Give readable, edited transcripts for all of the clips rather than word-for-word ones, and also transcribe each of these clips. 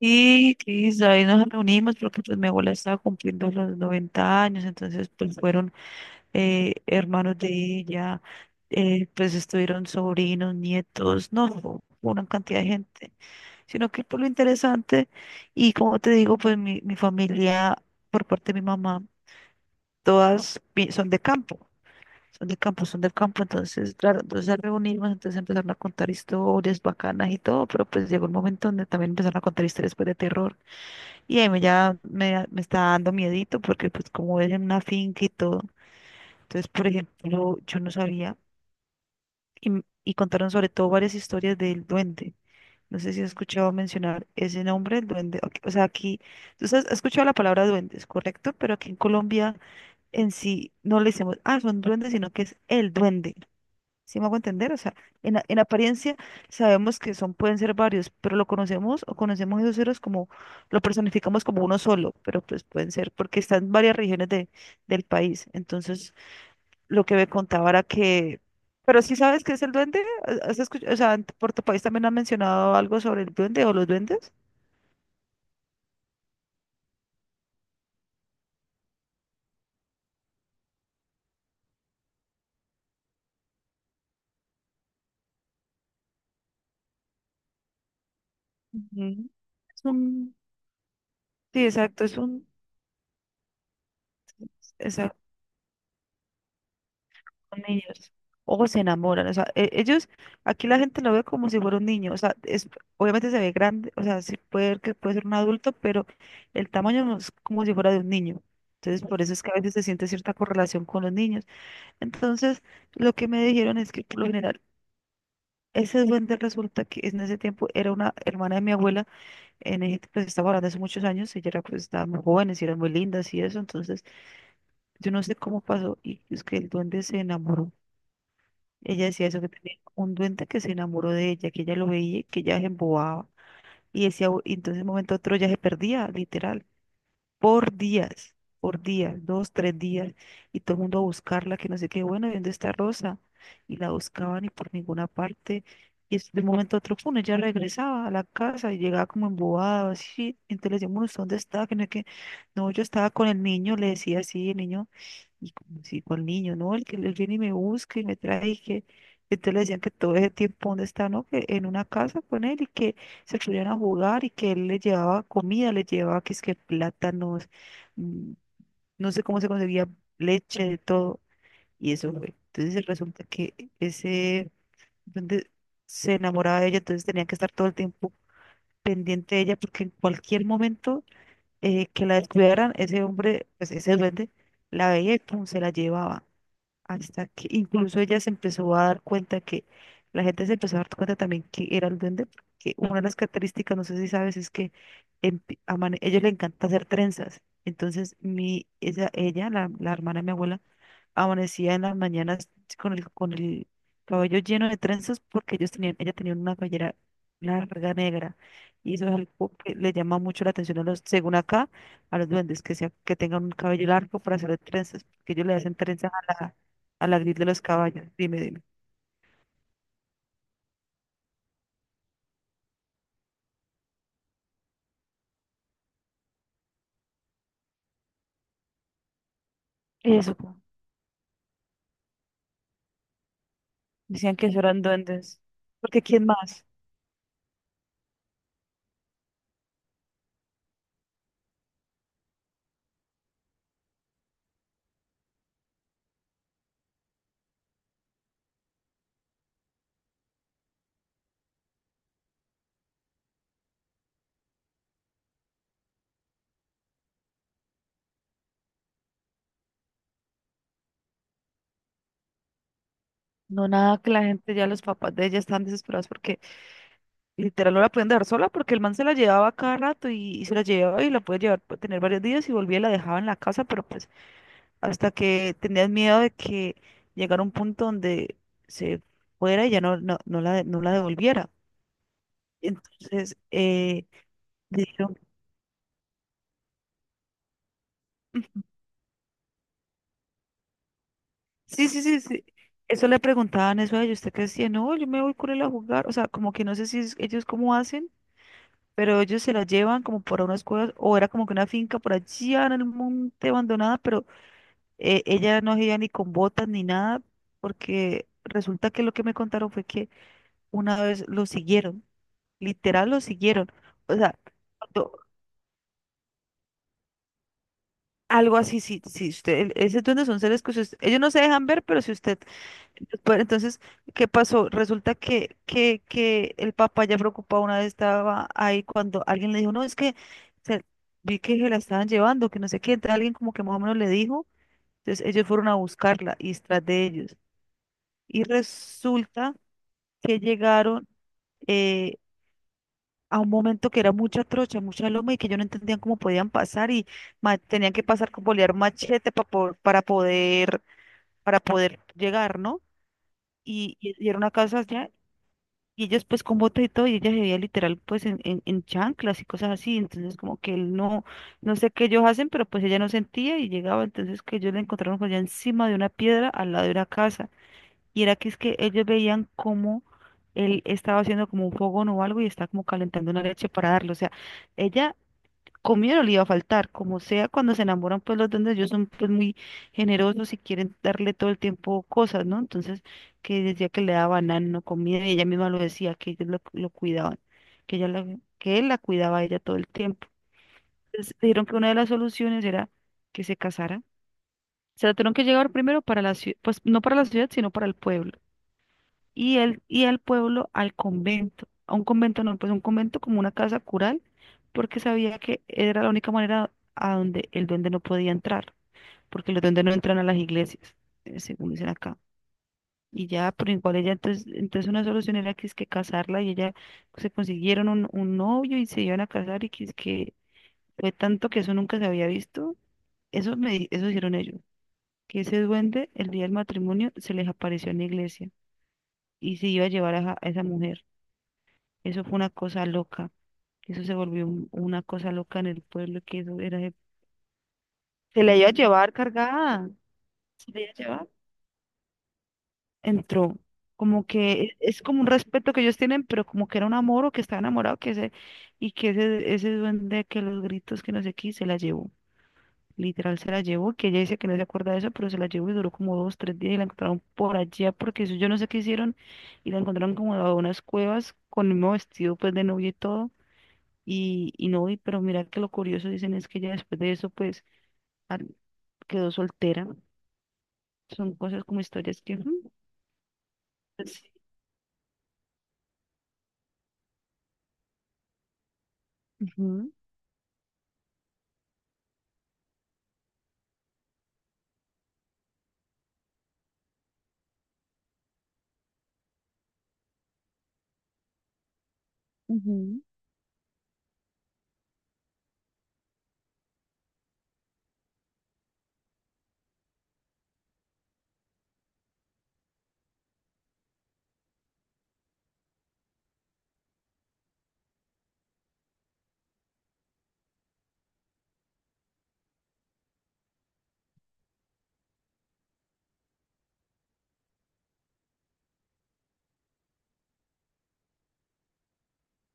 Y Cris, ahí nos reunimos porque pues mi abuela estaba cumpliendo los 90 años. Entonces pues fueron hermanos de ella, pues estuvieron sobrinos, nietos, no, fue una cantidad de gente, sino que por lo interesante. Y como te digo, pues mi familia por parte de mi mamá, son de campo, son de campo, son del campo. Entonces claro, entonces al reunirnos, entonces empezaron a contar historias bacanas y todo, pero pues llegó un momento donde también empezaron a contar historias pues de terror. Y ahí me está dando miedito porque pues como es en una finca y todo. Entonces, por ejemplo, yo no sabía y contaron sobre todo varias historias del duende. No sé si has escuchado mencionar ese nombre, el duende. Ok, o sea, aquí, tú has escuchado la palabra duendes, correcto, pero aquí en Colombia en sí no le decimos, ah, son duendes, sino que es el duende. ¿Sí me hago entender? O sea, en apariencia sabemos que son, pueden ser varios, pero lo conocemos o conocemos esos ceros como, lo personificamos como uno solo, pero pues pueden ser porque están en varias regiones del país. Entonces, lo que me contaba era que, pero sí sabes qué es el duende. ¿Has escuchado? O sea, por tu país también han mencionado algo sobre el duende o los duendes. Ujú. Es un, sí, exacto, es un, exacto. Son niños o se enamoran, o sea, ellos, aquí la gente lo ve como si fuera un niño, o sea, es, obviamente se ve grande, o sea, sí puede ver que puede ser un adulto, pero el tamaño no es como si fuera de un niño. Entonces, por eso es que a veces se siente cierta correlación con los niños. Entonces, lo que me dijeron es que por lo general, ese duende resulta que en ese tiempo era una hermana de mi abuela, en ese pues estaba hablando hace muchos años, ella era, pues, estaba muy jóvenes y eran muy lindas y eso, entonces yo no sé cómo pasó y es que el duende se enamoró. Ella decía eso, que tenía un duende que se enamoró de ella, que ella lo veía, y que ella se embobaba. Y decía, "Uy", y entonces de un momento a otro ya se perdía, literal, por días, dos, tres días, y todo el mundo a buscarla, que no sé qué, bueno, ¿y dónde está Rosa? Y la buscaban y por ninguna parte. De un momento a otro, pum, ella regresaba a la casa y llegaba como embobada, así. Entonces le decíamos, "Bueno, ¿usted dónde está? Que no sé qué". No, yo estaba con el niño, le decía así, el niño. Y como si con el niño, ¿no? El que él viene y me busca y me trae y que... Entonces le decían que todo ese tiempo, ¿dónde está? ¿No? Que en una casa con él y que se subían a jugar y que él le llevaba comida, le llevaba que es que plátanos, mm, no sé cómo se conseguía leche, de todo. Y eso fue. Entonces resulta que ese, donde se enamoraba de ella, entonces tenía que estar todo el tiempo pendiente de ella porque en cualquier momento que la descuidaran, ese hombre, pues ese duende, la veía y pum, se la llevaba. Hasta que incluso ella se empezó a dar cuenta que la gente se empezó a dar cuenta también que era el duende, porque una de las características, no sé si sabes, es que a ellos le encanta hacer trenzas. Entonces, mi, ella la, la hermana de mi abuela, amanecía en las mañanas con el cabello lleno de trenzas porque ellos tenían, ella tenía una cabellera larga negra, y eso es algo que le llama mucho la atención a los, según acá, a los duendes que sea, que tengan un cabello largo para hacer trenzas, porque ellos le hacen trenzas a la gris de los caballos. Dime, dime. Eso, po. Decían que eso eran duendes. Porque ¿quién más? No, nada, que la gente ya, los papás de ella están desesperados porque literal no la podían dejar sola porque el man se la llevaba cada rato y se la llevaba y la podía llevar, puede tener varios días y volvía y la dejaba en la casa, pero pues hasta que tenías miedo de que llegara un punto donde se fuera y ya no, no, no la devolviera. Entonces, dijeron, "Mm, sí, sí, sí, sí. Eso le preguntaban eso a ellos, usted qué decía, no, yo me voy con él a jugar, o sea, como que no sé si ellos cómo hacen, pero ellos se la llevan como para unas cuevas, o era como que una finca por allá en el monte abandonada, pero ella no se iba ni con botas ni nada, porque resulta que lo que me contaron fue que una vez lo siguieron, literal lo siguieron. O sea, cuando- algo así, si usted, ese es son seres que si ellos no se dejan ver, pero si usted, pues, entonces, ¿qué pasó? Resulta que, que el papá ya preocupado una vez estaba ahí cuando alguien le dijo, no, es que se- vi que se la estaban llevando, que no sé qué, entonces alguien como que más o menos le dijo, entonces ellos fueron a buscarla y tras de ellos. Y resulta que llegaron eh, a un momento que era mucha trocha, mucha loma y que ellos no entendían cómo podían pasar y tenían que pasar con bolear machete para poder llegar, ¿no? Y era una casa allá y ellos pues con bota y todo y ella se veía literal pues en, en chanclas y cosas así, entonces como que él no, no sé qué ellos hacen, pero pues ella no sentía y llegaba, entonces que ellos la encontraron pues allá encima de una piedra al lado de una casa. Y era que es que ellos veían cómo él estaba haciendo como un fogón o algo y estaba como calentando una leche para darle. O sea, ella comía no le iba a faltar. Como sea, cuando se enamoran, pues los duendes ellos son pues muy generosos y quieren darle todo el tiempo cosas, ¿no? Entonces, que decía que le daba banano, comida, y ella misma lo decía, que ellos lo cuidaban, que él la cuidaba a ella todo el tiempo. Entonces, dijeron que una de las soluciones era que se casara. Se la tuvieron que llevar primero para la ciudad, pues no para la ciudad, sino para el pueblo y el, y al pueblo al convento, a un convento no, pues un convento como una casa cural, porque sabía que era la única manera a donde el duende no podía entrar, porque los duendes no entran a las iglesias, según dicen acá. Y ya, pero igual ella, entonces, entonces una solución era que es que casarla y ella pues, se consiguieron un novio y se iban a casar y que es que fue tanto que eso nunca se había visto. Eso me, eso hicieron ellos, que ese duende el día del matrimonio se les apareció en la iglesia y se iba a llevar a esa mujer. Eso fue una cosa loca. Eso se volvió una cosa loca en el pueblo, que eso era... de- Se la iba a llevar cargada. Se la iba a llevar. Entró. Como que es como un respeto que ellos tienen, pero como que era un amor o que estaba enamorado, que ese, y que ese duende que los gritos que no sé qué, se la llevó. Literal se la llevó, que ella dice que no se acuerda de eso, pero se la llevó y duró como dos, tres días y la encontraron por allá, porque eso yo no sé qué hicieron, y la encontraron como a unas cuevas con el mismo vestido pues de novia y todo. Y no, y, pero mira que lo curioso dicen es que ya después de eso, pues al- quedó soltera. Son cosas como historias que... ujú, pues, ujú, ujú.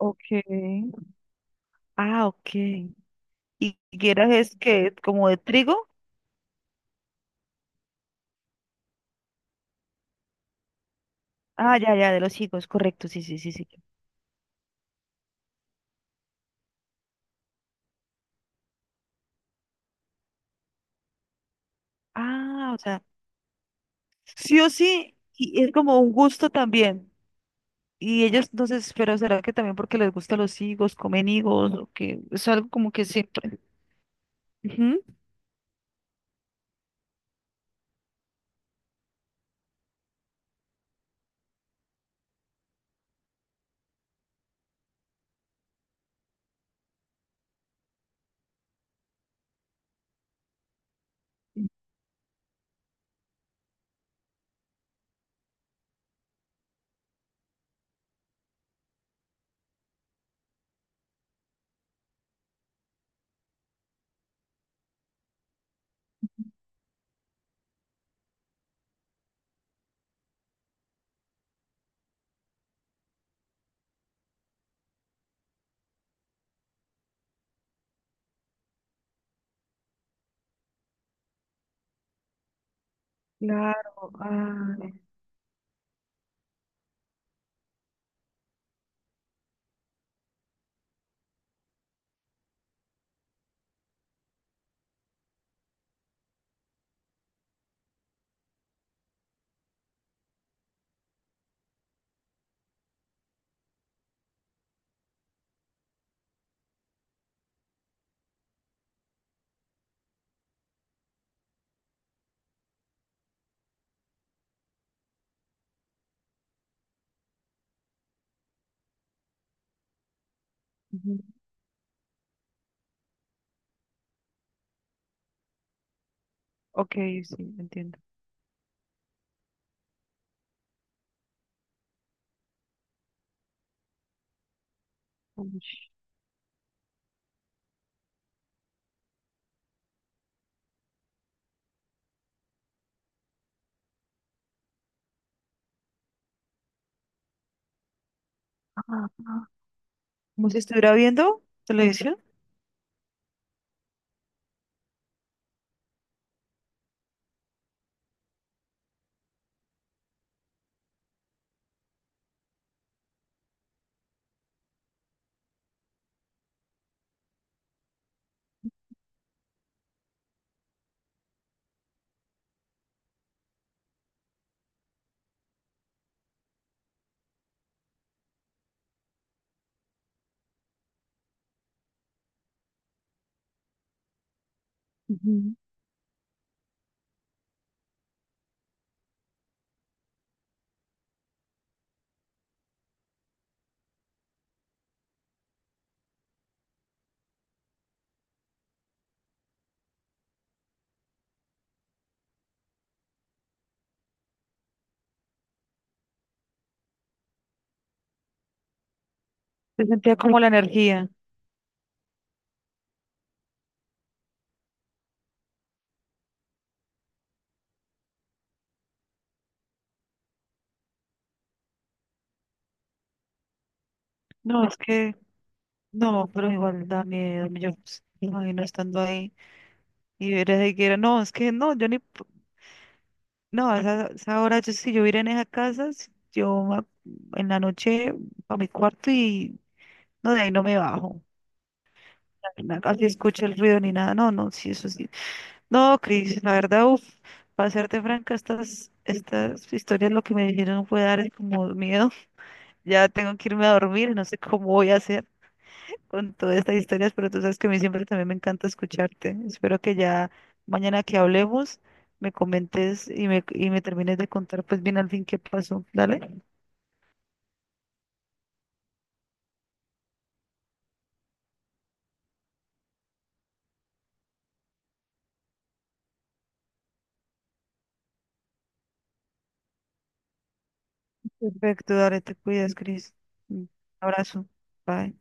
Okay. Ah, ok. ¿Y quieras es que como de trigo? Ah, ya, ya, de los higos, correcto, sí, sí, sí, sí. Ah, o sea, sí o sí, y es como un gusto también. Y ellos, entonces, pero será que también porque les gustan los higos, comen higos, o que es algo como que siempre. Ujú. Claro. Ah, ujú. Ok, sí, entiendo. Ush. Ah, ah. Como si estuviera viendo televisión. Ujú. Se sentía como la energía. No, es que, no, pero igual da miedo. Yo pues, me imagino estando ahí y ver ese que era. No, es que no, yo ni, no, a esa, esa hora, si yo viera en esa casa, si yo ma- en la noche a mi cuarto y no, de ahí no me bajo. Casi escucho el ruido ni nada. No, no, sí, eso sí. No, Cris, la verdad, uff. Para serte franca, estas, estas historias lo que me dijeron fue dar como miedo. Ya tengo que irme a dormir, no sé cómo voy a hacer con todas estas historias, pero tú sabes que a mí siempre también me encanta escucharte. Espero que ya mañana que hablemos me comentes y me termines de contar pues bien al fin qué pasó. Dale. Perfecto, dale, te cuidas, Cris. Un abrazo. Bye.